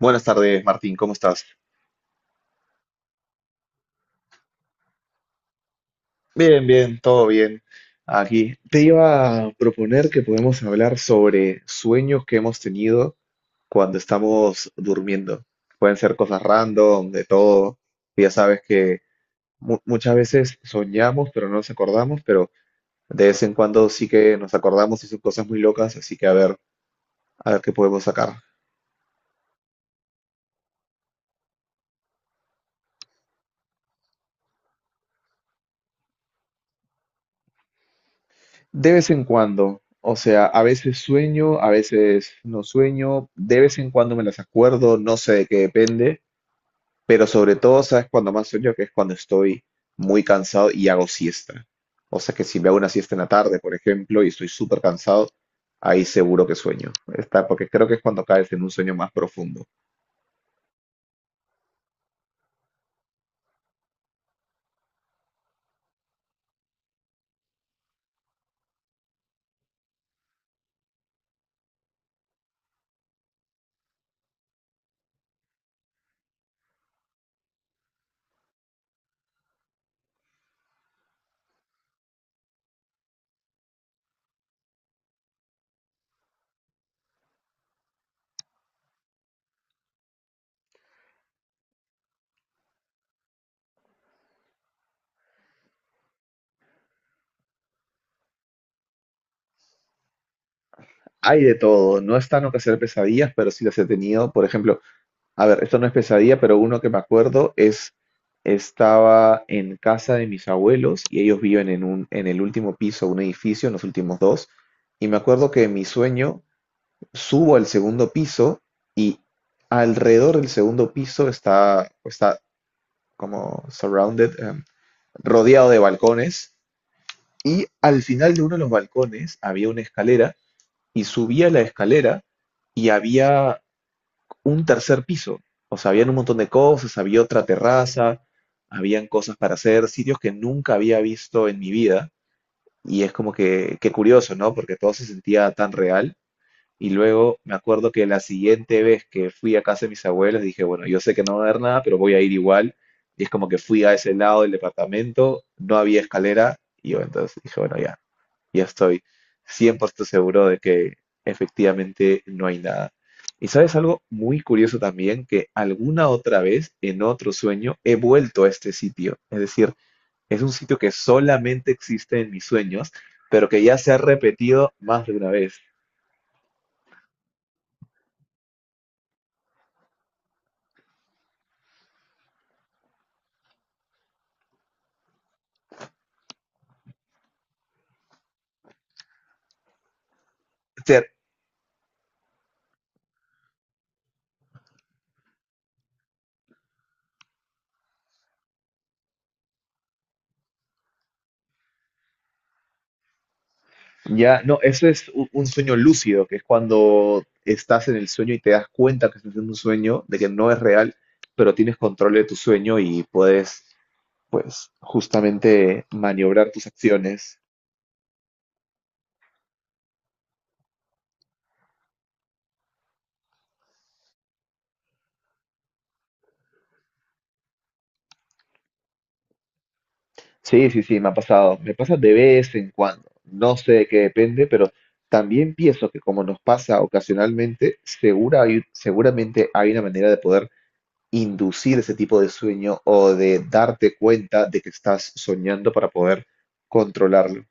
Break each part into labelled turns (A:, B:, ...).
A: Buenas tardes, Martín, ¿cómo estás? Bien, bien, todo bien. Aquí te iba a proponer que podemos hablar sobre sueños que hemos tenido cuando estamos durmiendo. Pueden ser cosas random, de todo. Ya sabes que muchas veces soñamos, pero no nos acordamos, pero de vez en cuando sí que nos acordamos y son cosas muy locas, así que a ver qué podemos sacar. De vez en cuando, o sea, a veces sueño, a veces no sueño, de vez en cuando me las acuerdo, no sé de qué depende, pero sobre todo, ¿sabes cuando más sueño? Que es cuando estoy muy cansado y hago siesta. O sea que si me hago una siesta en la tarde, por ejemplo, y estoy súper cansado, ahí seguro que sueño. Está, porque creo que es cuando caes en un sueño más profundo. Hay de todo, no es tan que hacer pesadillas, pero sí las he tenido. Por ejemplo, a ver, esto no es pesadilla, pero uno que me acuerdo es, estaba en casa de mis abuelos y ellos viven en un, en el último piso de un edificio, en los últimos dos, y me acuerdo que en mi sueño subo al segundo piso y alrededor del segundo piso está, está como surrounded, rodeado de balcones, y al final de uno de los balcones había una escalera y subía la escalera y había un tercer piso. O sea, habían un montón de cosas, había otra terraza, habían cosas para hacer, sitios que nunca había visto en mi vida. Y es como que, qué curioso, ¿no? Porque todo se sentía tan real. Y luego me acuerdo que la siguiente vez que fui a casa de mis abuelos dije, bueno, yo sé que no va a haber nada, pero voy a ir igual. Y es como que fui a ese lado del departamento, no había escalera. Y yo entonces dije, bueno, ya, ya estoy 100% seguro de que efectivamente no hay nada. Y sabes algo muy curioso también, que alguna otra vez en otro sueño he vuelto a este sitio. Es decir, es un sitio que solamente existe en mis sueños, pero que ya se ha repetido más de una vez. O sea, ya, no, eso es un sueño lúcido, que es cuando estás en el sueño y te das cuenta que estás en un sueño, de que no es real, pero tienes control de tu sueño y puedes pues justamente maniobrar tus acciones. Sí, sí, sí, me ha pasado. Me pasa de vez en cuando. No sé de qué depende, pero también pienso que como nos pasa ocasionalmente, seguramente hay una manera de poder inducir ese tipo de sueño o de darte cuenta de que estás soñando para poder controlarlo.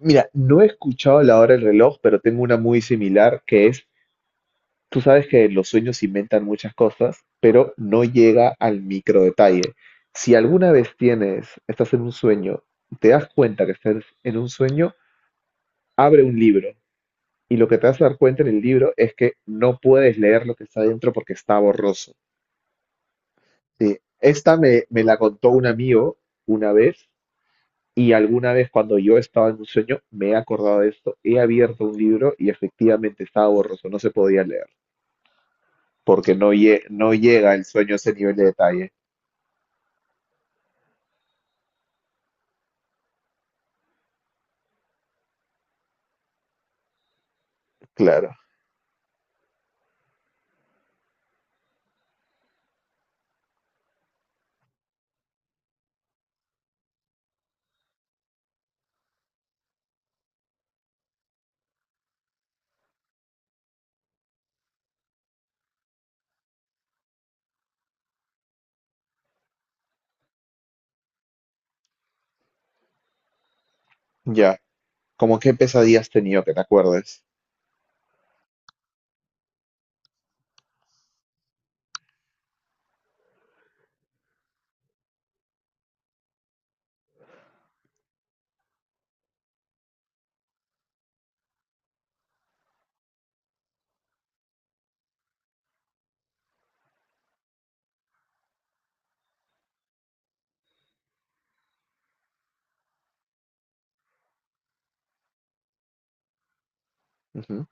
A: Mira, no he escuchado la hora del reloj, pero tengo una muy similar que es: tú sabes que los sueños inventan muchas cosas, pero no llega al micro detalle. Si alguna vez tienes, estás en un sueño, te das cuenta que estás en un sueño, abre un libro y lo que te vas a dar cuenta en el libro es que no puedes leer lo que está dentro porque está borroso. Sí, esta me la contó un amigo una vez y alguna vez cuando yo estaba en un sueño me he acordado de esto. He abierto un libro y efectivamente estaba borroso, no se podía leer porque no llega el sueño a ese nivel de detalle. Claro, ya. ¿Cómo qué pesadillas has tenido que te acuerdes? Ujú.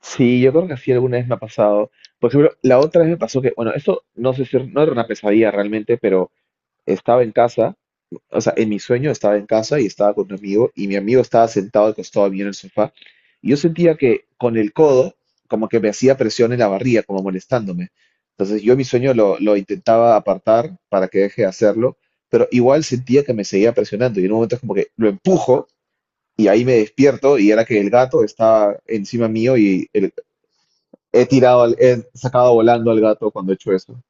A: Sí, yo creo que sí alguna vez me ha pasado. Por ejemplo, la otra vez me pasó que, bueno, esto no sé si no era una pesadilla realmente, pero estaba en casa, o sea, en mi sueño estaba en casa y estaba con un amigo y mi amigo estaba sentado al costado mío en el sofá y yo sentía que con el codo como que me hacía presión en la barriga, como molestándome. Entonces yo en mi sueño lo intentaba apartar para que deje de hacerlo, pero igual sentía que me seguía presionando y en un momento es como que lo empujo y ahí me despierto y era que el gato está encima mío y he tirado, he sacado volando al gato cuando he hecho eso.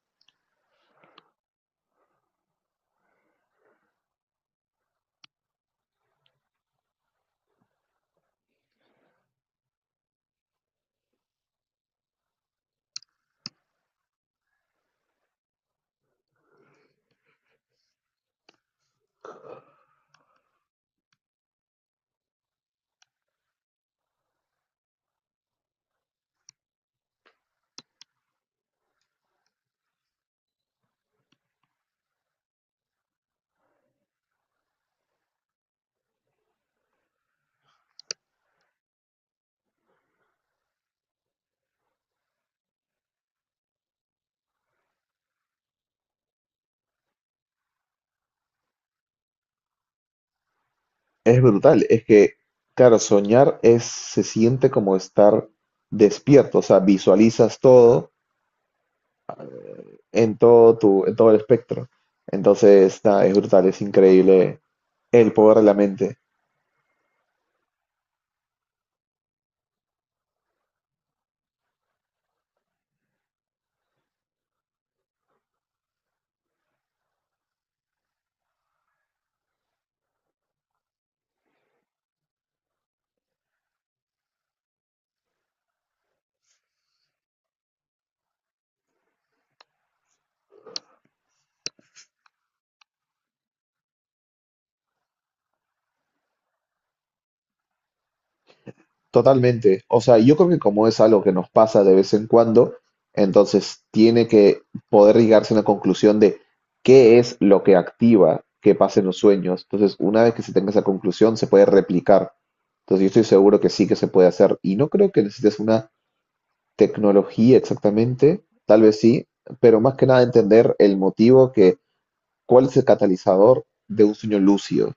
A: Es brutal, es que, claro, soñar es, se siente como estar despierto, o sea, visualizas todo en todo tu, en todo el espectro. Entonces, nada, es brutal, es increíble el poder de la mente. Totalmente. O sea, yo creo que como es algo que nos pasa de vez en cuando, entonces tiene que poder llegarse a una conclusión de qué es lo que activa que pasen los sueños. Entonces, una vez que se tenga esa conclusión, se puede replicar. Entonces, yo estoy seguro que sí que se puede hacer. Y no creo que necesites una tecnología exactamente, tal vez sí, pero más que nada entender el motivo que, cuál es el catalizador de un sueño lúcido.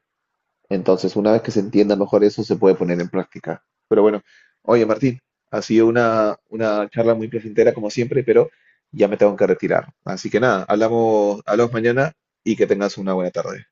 A: Entonces, una vez que se entienda mejor eso, se puede poner en práctica. Pero bueno, oye Martín, ha sido una charla muy placentera como siempre, pero ya me tengo que retirar. Así que nada, hablamos, hablamos mañana y que tengas una buena tarde.